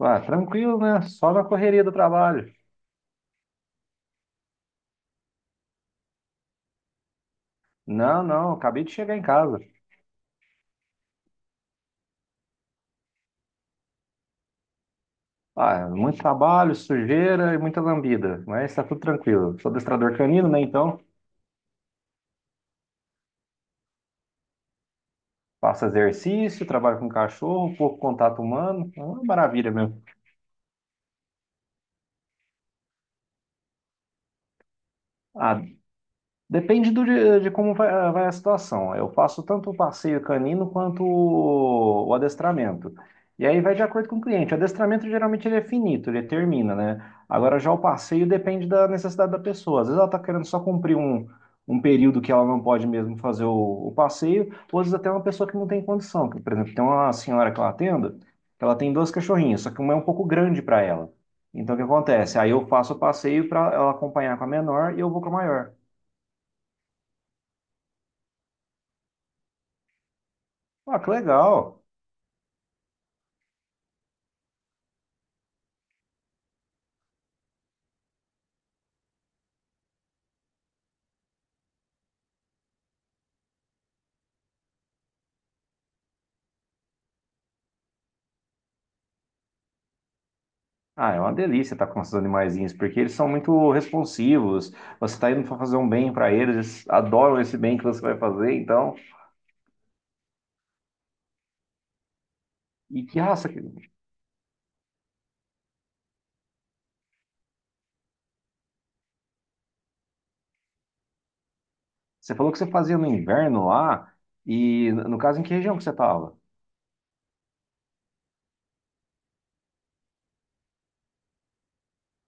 Ah, tranquilo, né? Só na correria do trabalho. Não, não, acabei de chegar em casa. Ah, muito trabalho, sujeira e muita lambida, mas tá tudo tranquilo. Sou adestrador canino, né? Então, faço exercício, trabalho com cachorro, pouco contato humano. É uma maravilha mesmo. Ah, depende de como vai a situação. Eu faço tanto o passeio canino quanto o adestramento. E aí vai de acordo com o cliente. O adestramento geralmente ele é finito, ele termina, né? Agora já o passeio depende da necessidade da pessoa. Às vezes ela está querendo só cumprir um período que ela não pode mesmo fazer o passeio, ou às vezes até uma pessoa que não tem condição. Que, por exemplo, tem uma senhora que ela atendo, que ela tem dois cachorrinhos, só que uma é um pouco grande para ela. Então o que acontece? Aí eu faço o passeio para ela acompanhar com a menor e eu vou com a maior. Ah, que legal. Ah, é uma delícia estar com esses animaizinhos, porque eles são muito responsivos. Você está indo para fazer um bem para eles, eles adoram esse bem que você vai fazer, então. E que raça que... Você falou que você fazia no inverno lá, e no caso, em que região que você estava?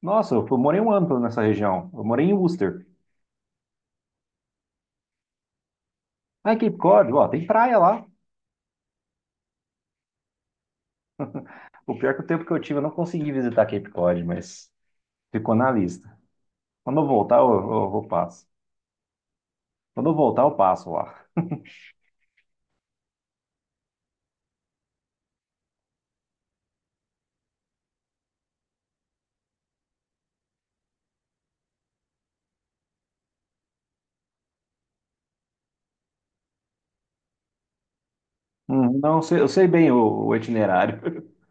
Nossa, eu morei um ano nessa região. Eu morei em Worcester. Ah, em Cape Cod, ó, tem praia lá. O pior é que o tempo que eu tive, eu não consegui visitar Cape Cod, mas ficou na lista. Quando eu voltar, eu passo. Quando eu voltar, eu passo lá. Não, eu sei bem o itinerário.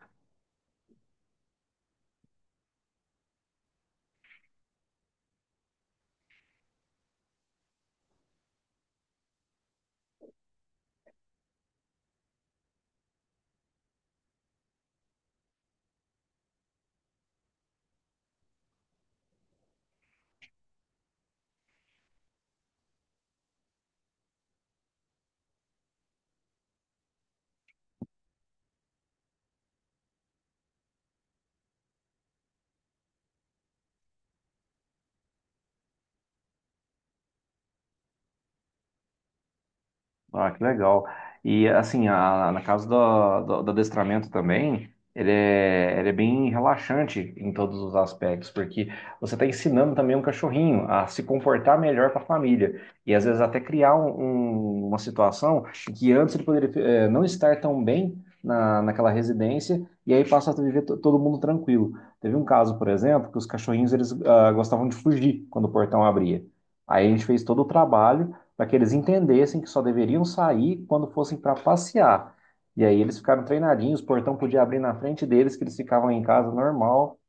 Ah, que legal. E assim, na casa do adestramento também, ele é bem relaxante em todos os aspectos, porque você está ensinando também um cachorrinho a se comportar melhor para a família. E às vezes até criar uma situação que antes ele poderia não estar tão bem naquela residência, e aí passa a viver todo mundo tranquilo. Teve um caso, por exemplo, que os cachorrinhos eles gostavam de fugir quando o portão abria. Aí a gente fez todo o trabalho para que eles entendessem que só deveriam sair quando fossem para passear. E aí eles ficaram treinadinhos, o portão podia abrir na frente deles, que eles ficavam em casa normal,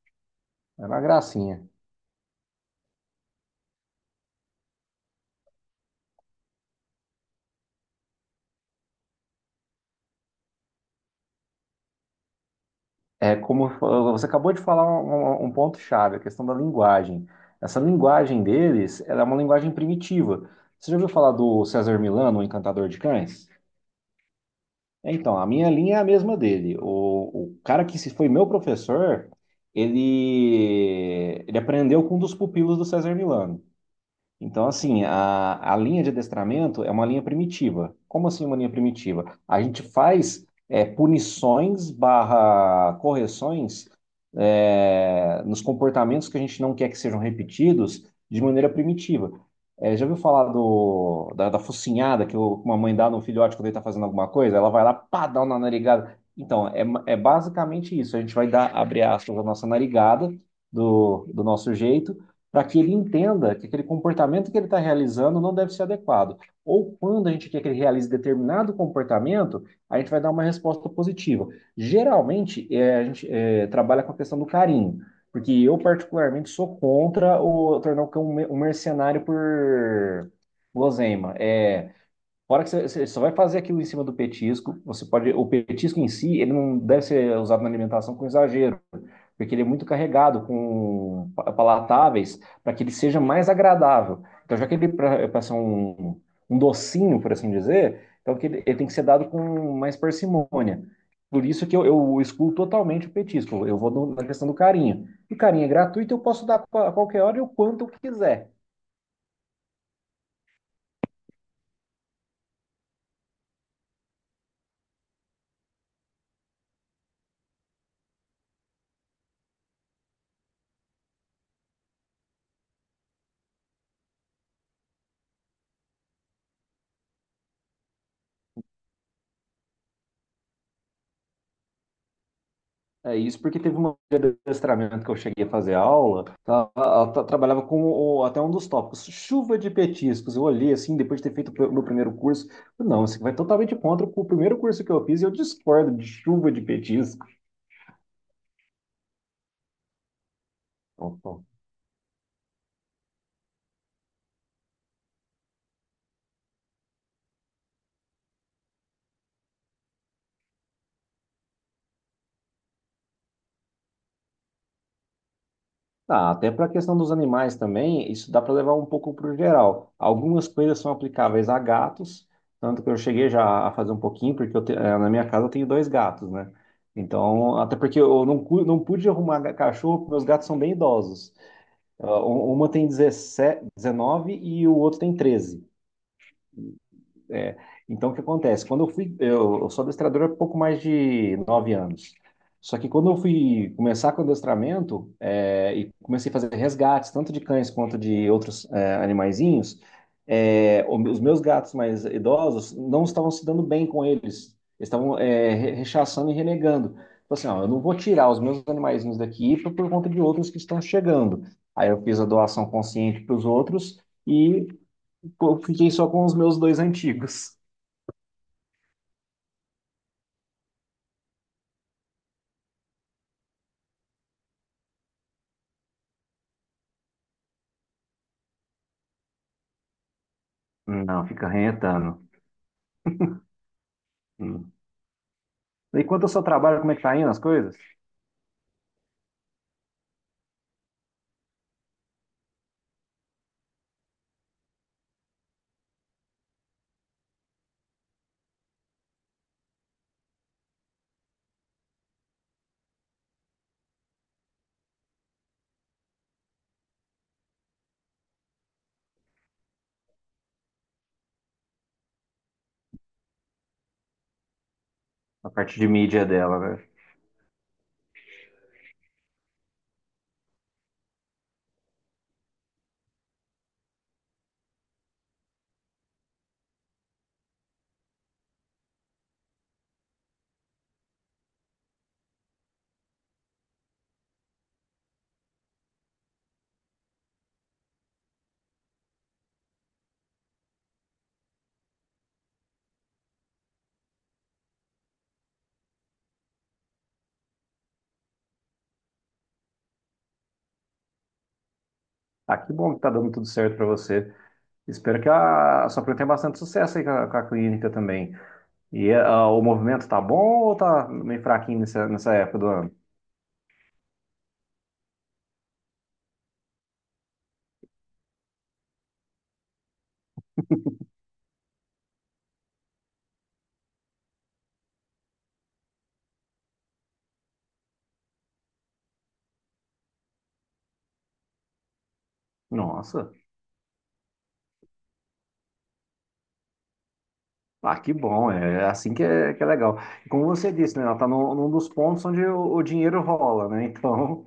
era uma gracinha. É como você acabou de falar um ponto chave, a questão da linguagem. Essa linguagem deles, ela é uma linguagem primitiva. Você já ouviu falar do César Milano, o Encantador de Cães? Então, a minha linha é a mesma dele. O cara que se foi meu professor, ele aprendeu com um dos pupilos do César Milano. Então, assim, a linha de adestramento é uma linha primitiva. Como assim uma linha primitiva? A gente faz punições barra correções nos comportamentos que a gente não quer que sejam repetidos de maneira primitiva. Já ouviu falar da focinhada que uma mãe dá no filhote quando ele está fazendo alguma coisa? Ela vai lá, pá, dá uma narigada. Então, é basicamente isso. A gente vai dar, abre aspas, a nossa narigada do nosso jeito para que ele entenda que aquele comportamento que ele está realizando não deve ser adequado. Ou quando a gente quer que ele realize determinado comportamento, a gente vai dar uma resposta positiva. Geralmente, a gente trabalha com a questão do carinho, porque eu, particularmente, sou contra o tornar o cão um mercenário por guloseima. A hora que você, você só vai fazer aquilo em cima do petisco, você pode. O petisco em si, ele não deve ser usado na alimentação com exagero, porque ele é muito carregado com palatáveis para que ele seja mais agradável. Então, já que ele é para ser um docinho, por assim dizer, então que ele tem que ser dado com mais parcimônia. Por isso que eu excluo totalmente o petisco. Eu vou na questão do carinho. E carinho é gratuito, eu posso dar a qualquer hora e o quanto eu quiser. É isso porque teve uma de adestramento que eu cheguei a fazer aula, ela trabalhava com até um dos tópicos, chuva de petiscos. Eu olhei assim, depois de ter feito o meu primeiro curso, falei, não, isso vai totalmente contra o primeiro curso que eu fiz e eu discordo de chuva de petiscos. Então, ah, até para a questão dos animais também, isso dá para levar um pouco para o geral. Algumas coisas são aplicáveis a gatos, tanto que eu cheguei já a fazer um pouquinho, porque eu na minha casa eu tenho dois gatos, né? Então, até porque eu não, não pude arrumar cachorro, porque meus gatos são bem idosos. Ah, uma tem 17 19 e o outro tem 13. É, então, o que acontece? Quando eu fui, eu sou adestrador há pouco mais de 9 anos. Só que quando eu fui começar com adestramento, é, e comecei a fazer resgates, tanto de cães quanto de outros animaizinhos, é, os meus gatos mais idosos não estavam se dando bem com eles. Eles estavam rechaçando e renegando. Então, assim, ó, eu não vou tirar os meus animaizinhos daqui por conta de outros que estão chegando. Aí eu fiz a doação consciente para os outros e pô, fiquei só com os meus dois antigos. Não, fica rentando. Hum. Enquanto eu seu trabalho, como é que tá indo as coisas? A parte de mídia dela, velho. Ah, que bom que tá dando tudo certo pra você. Espero que a sua prima tenha bastante sucesso aí com a clínica também. E o movimento tá bom ou tá meio fraquinho nessa época do ano? Nossa, ah, que bom, é assim que é legal. E como você disse, né, ela tá num dos pontos onde o dinheiro rola, né? Então,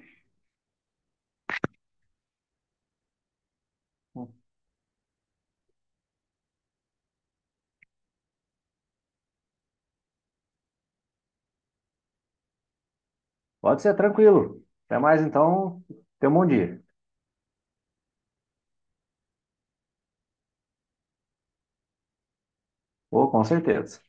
pode ser tranquilo. Até mais então, tenha um bom dia. Ou com certeza.